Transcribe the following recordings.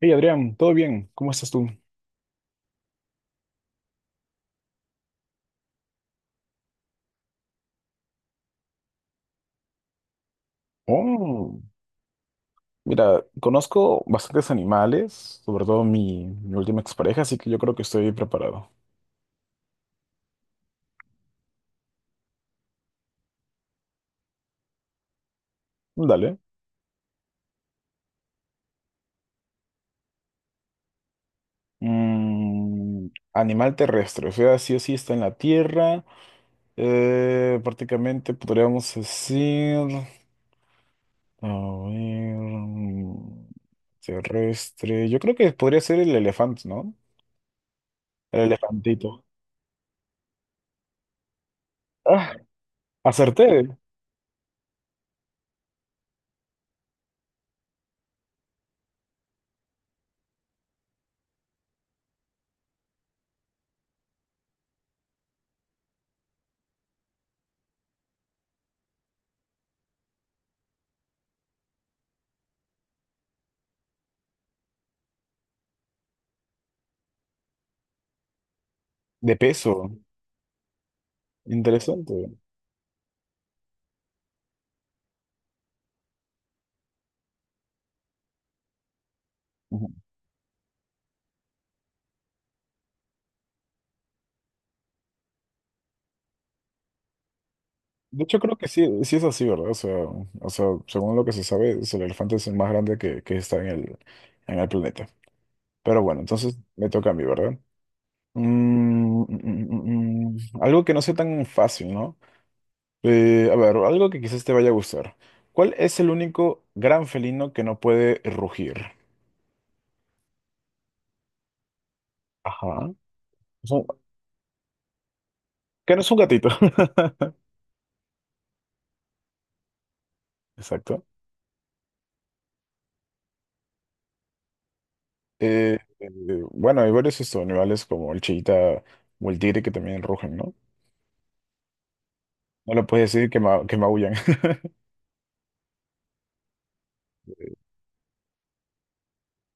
Hey Adrián, ¿todo bien? ¿Cómo estás tú? Oh, mira, conozco bastantes animales, sobre todo mi última expareja, así que yo creo que estoy preparado. Dale. Mm, animal terrestre, o sea, sí o sí está en la tierra. Prácticamente podríamos decir. A ver. Terrestre. Yo creo que podría ser el elefante, ¿no? El elefantito. Ah, acerté. De peso. Interesante. De hecho, creo que sí, sí es así, ¿verdad? O sea, según lo que se sabe, es el elefante es el más grande que está en en el planeta. Pero bueno, entonces me toca a mí, ¿verdad? Mm, mm, mm, mm. Algo que no sea tan fácil, ¿no? A ver, algo que quizás te vaya a gustar. ¿Cuál es el único gran felino que no puede rugir? Ajá. Es un- que no es un gatito. Exacto. Eh, eh, bueno, hay varios estos animales como el cheetah o el tigre que también rugen, ¿no? No le puedes decir que maullan.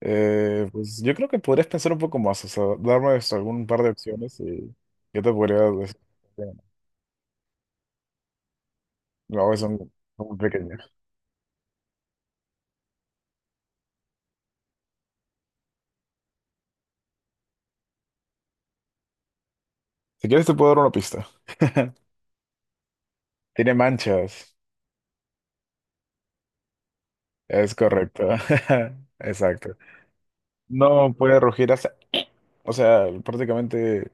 Pues yo creo que podrías pensar un poco más, o sea, darme hasta algún par de opciones y yo te podría decir. Bueno, no, son muy pequeñas. Si quieres te puedo dar una pista. Tiene manchas. Es correcto. Exacto. No puede rugir hasta... O sea, prácticamente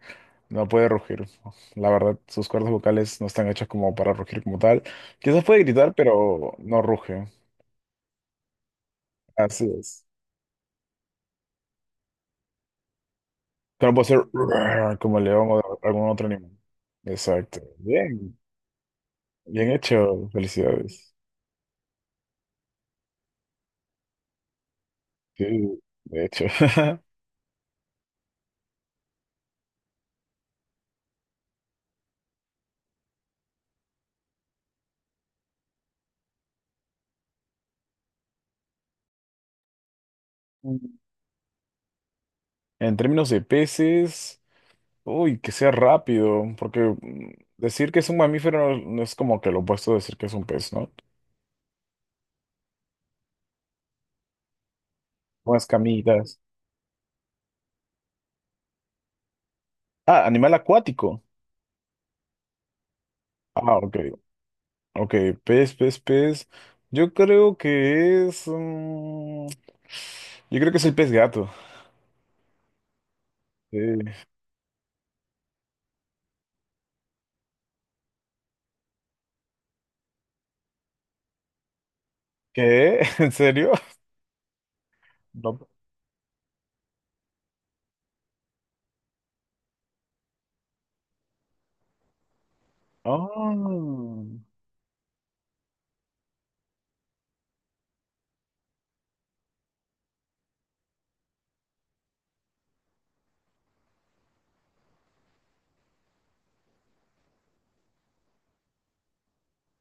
no puede rugir. La verdad, sus cuerdas vocales no están hechas como para rugir como tal. Quizás puede gritar, pero no ruge. Así es. No puede ser "Ruar", como el león o algún otro animal. Exacto. Bien, bien hecho. Felicidades. Sí, de hecho. En términos de peces, uy, que sea rápido, porque decir que es un mamífero no, no es como que lo opuesto de decir que es un pez, ¿no? Con escamitas. Ah, animal acuático. Ah, ok. Ok, pez. Yo creo que es... yo creo que es el pez gato. Sí. ¿Qué? ¿En serio? No. Oh,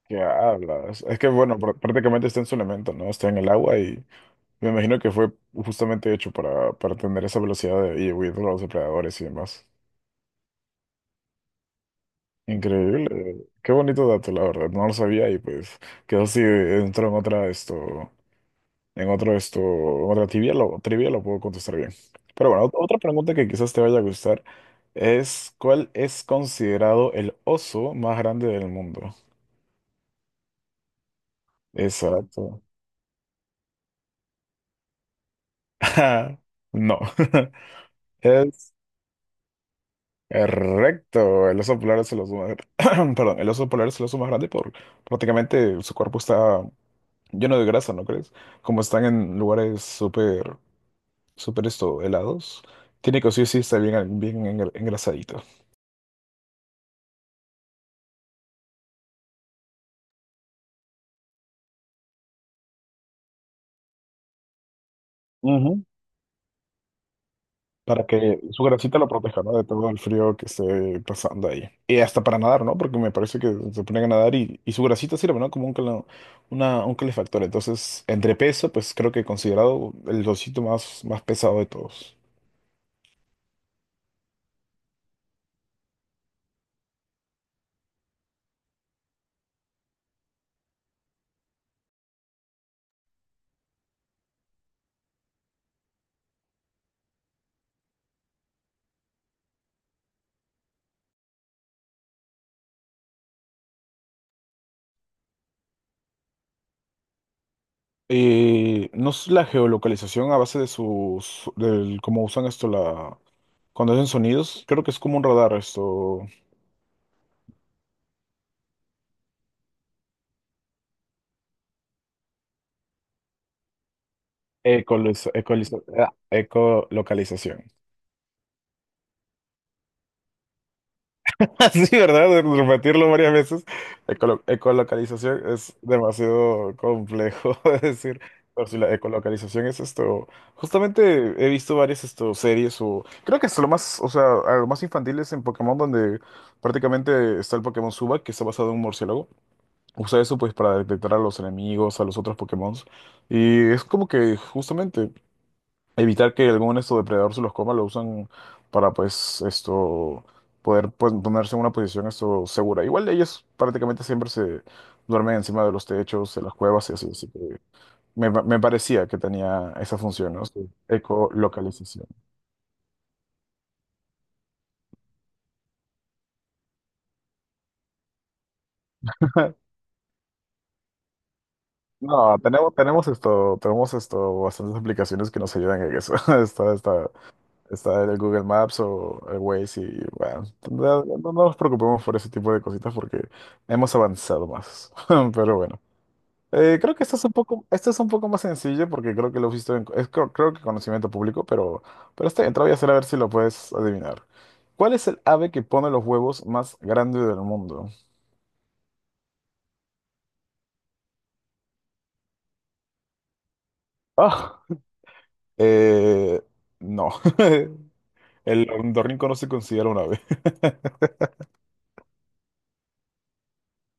¿qué hablas? Es que, bueno, prácticamente está en su elemento, ¿no? Está en el agua y me imagino que fue justamente hecho para tener esa velocidad de, y huir de los depredadores y demás. Increíble. Qué bonito dato, la verdad. No lo sabía y pues quedó así, dentro en otra esto, en otro esto, en otra trivia lo puedo contestar bien. Pero bueno, otra pregunta que quizás te vaya a gustar es, ¿cuál es considerado el oso más grande del mundo? Exacto. Ah, no. Es correcto. El oso polar es el oso más... Perdón, el oso polar es el oso más grande por prácticamente su cuerpo está lleno de grasa, ¿no crees? Como están en lugares súper, súper esto, helados, tiene que sí o sí estar bien, engrasadito. Para que su grasita lo proteja, ¿no? De todo el frío que esté pasando ahí. Y hasta para nadar, ¿no? Porque me parece que se ponen a nadar y su grasita sirve, ¿no? Como un calefactor. Entonces, entre peso, pues creo que considerado el osito más, más pesado de todos. No es la geolocalización a base de cómo usan esto, la, cuando hacen sonidos, creo que es como un radar esto, ecolocalización. Sí, ¿verdad? De repetirlo varias veces. Ecolocalización es demasiado complejo de decir. Pero si la ecolocalización es esto. Justamente he visto varias esto, series o. Creo que es lo más. O sea, a lo más infantil es en Pokémon, donde prácticamente está el Pokémon Suba, que está basado en un murciélago. Usa eso pues para detectar a los enemigos, a los otros Pokémon. Y es como que justamente evitar que algún esto depredador se los coma, lo usan para pues esto poder pues, ponerse en una posición esto segura. Igual ellos prácticamente siempre se duermen encima de los techos, en las cuevas y así, así que me parecía que tenía esa función, ¿no? Su ecolocalización. No, tenemos esto, bastantes aplicaciones que nos ayudan en eso. Está, está, Está el Google Maps o el Waze y bueno, no, nos preocupemos por ese tipo de cositas porque hemos avanzado más. Pero bueno. Creo que esto es un poco más sencillo porque creo que lo visto en, es, creo, creo que conocimiento público, pero está bien, te lo voy a hacer a ver si lo puedes adivinar. ¿Cuál es el ave que pone los huevos más grande del mundo? Ah, eh, no. El ornitorrinco no se considera un ave.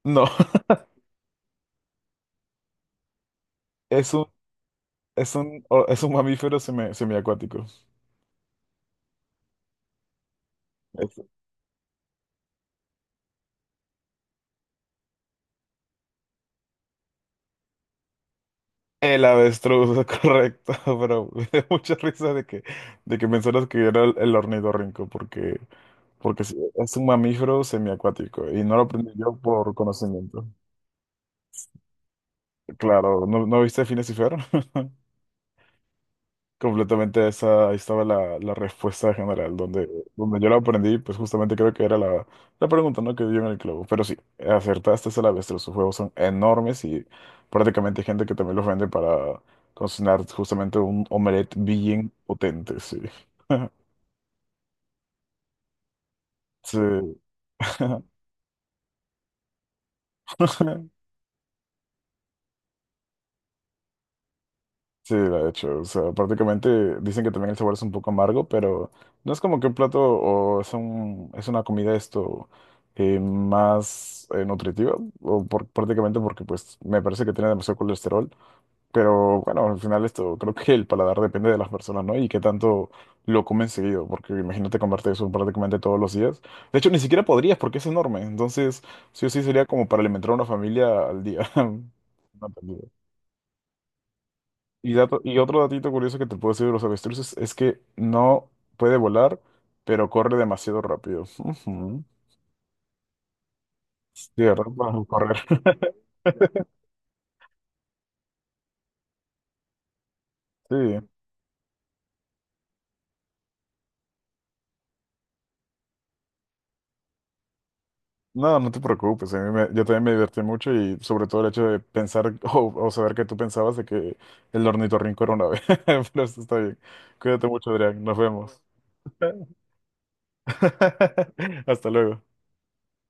No, es un, es un mamífero semiacuático. El avestruz, correcto, pero me dio mucha risa de que mencionas que era el ornitorrinco, porque, porque sí, es un mamífero semiacuático y no lo aprendí yo por conocimiento. Claro, ¿no, no viste Phineas y Fer? Completamente esa, ahí estaba la respuesta general, donde, donde yo la aprendí, pues justamente creo que era la pregunta, ¿no? Que dio en el clavo. Pero sí, acertaste esa la bestia, sus juegos son enormes y prácticamente hay gente que también los vende para cocinar justamente un omelette bien potente, sí. Sí. Sí, de hecho, o sea, prácticamente dicen que también el sabor es un poco amargo, pero no es como que un plato o es una comida esto más nutritiva, prácticamente porque pues me parece que tiene demasiado colesterol, pero bueno, al final esto creo que el paladar depende de las personas, ¿no? Y qué tanto lo comen seguido, porque imagínate comerte eso prácticamente todos los días. De hecho, ni siquiera podrías porque es enorme, entonces sí o sí sería como para alimentar a una familia al día. No, no, no. Y otro datito curioso que te puedo decir de los avestruces es que no puede volar, pero corre demasiado rápido. Ujú. Sí, ¿verdad? Para correr. Sí. No, no te preocupes. Yo también me divertí mucho y sobre todo el hecho de pensar o saber que tú pensabas de que el ornitorrinco era una ave. Pero eso está bien. Cuídate mucho, Adrián. Nos vemos. Hasta luego.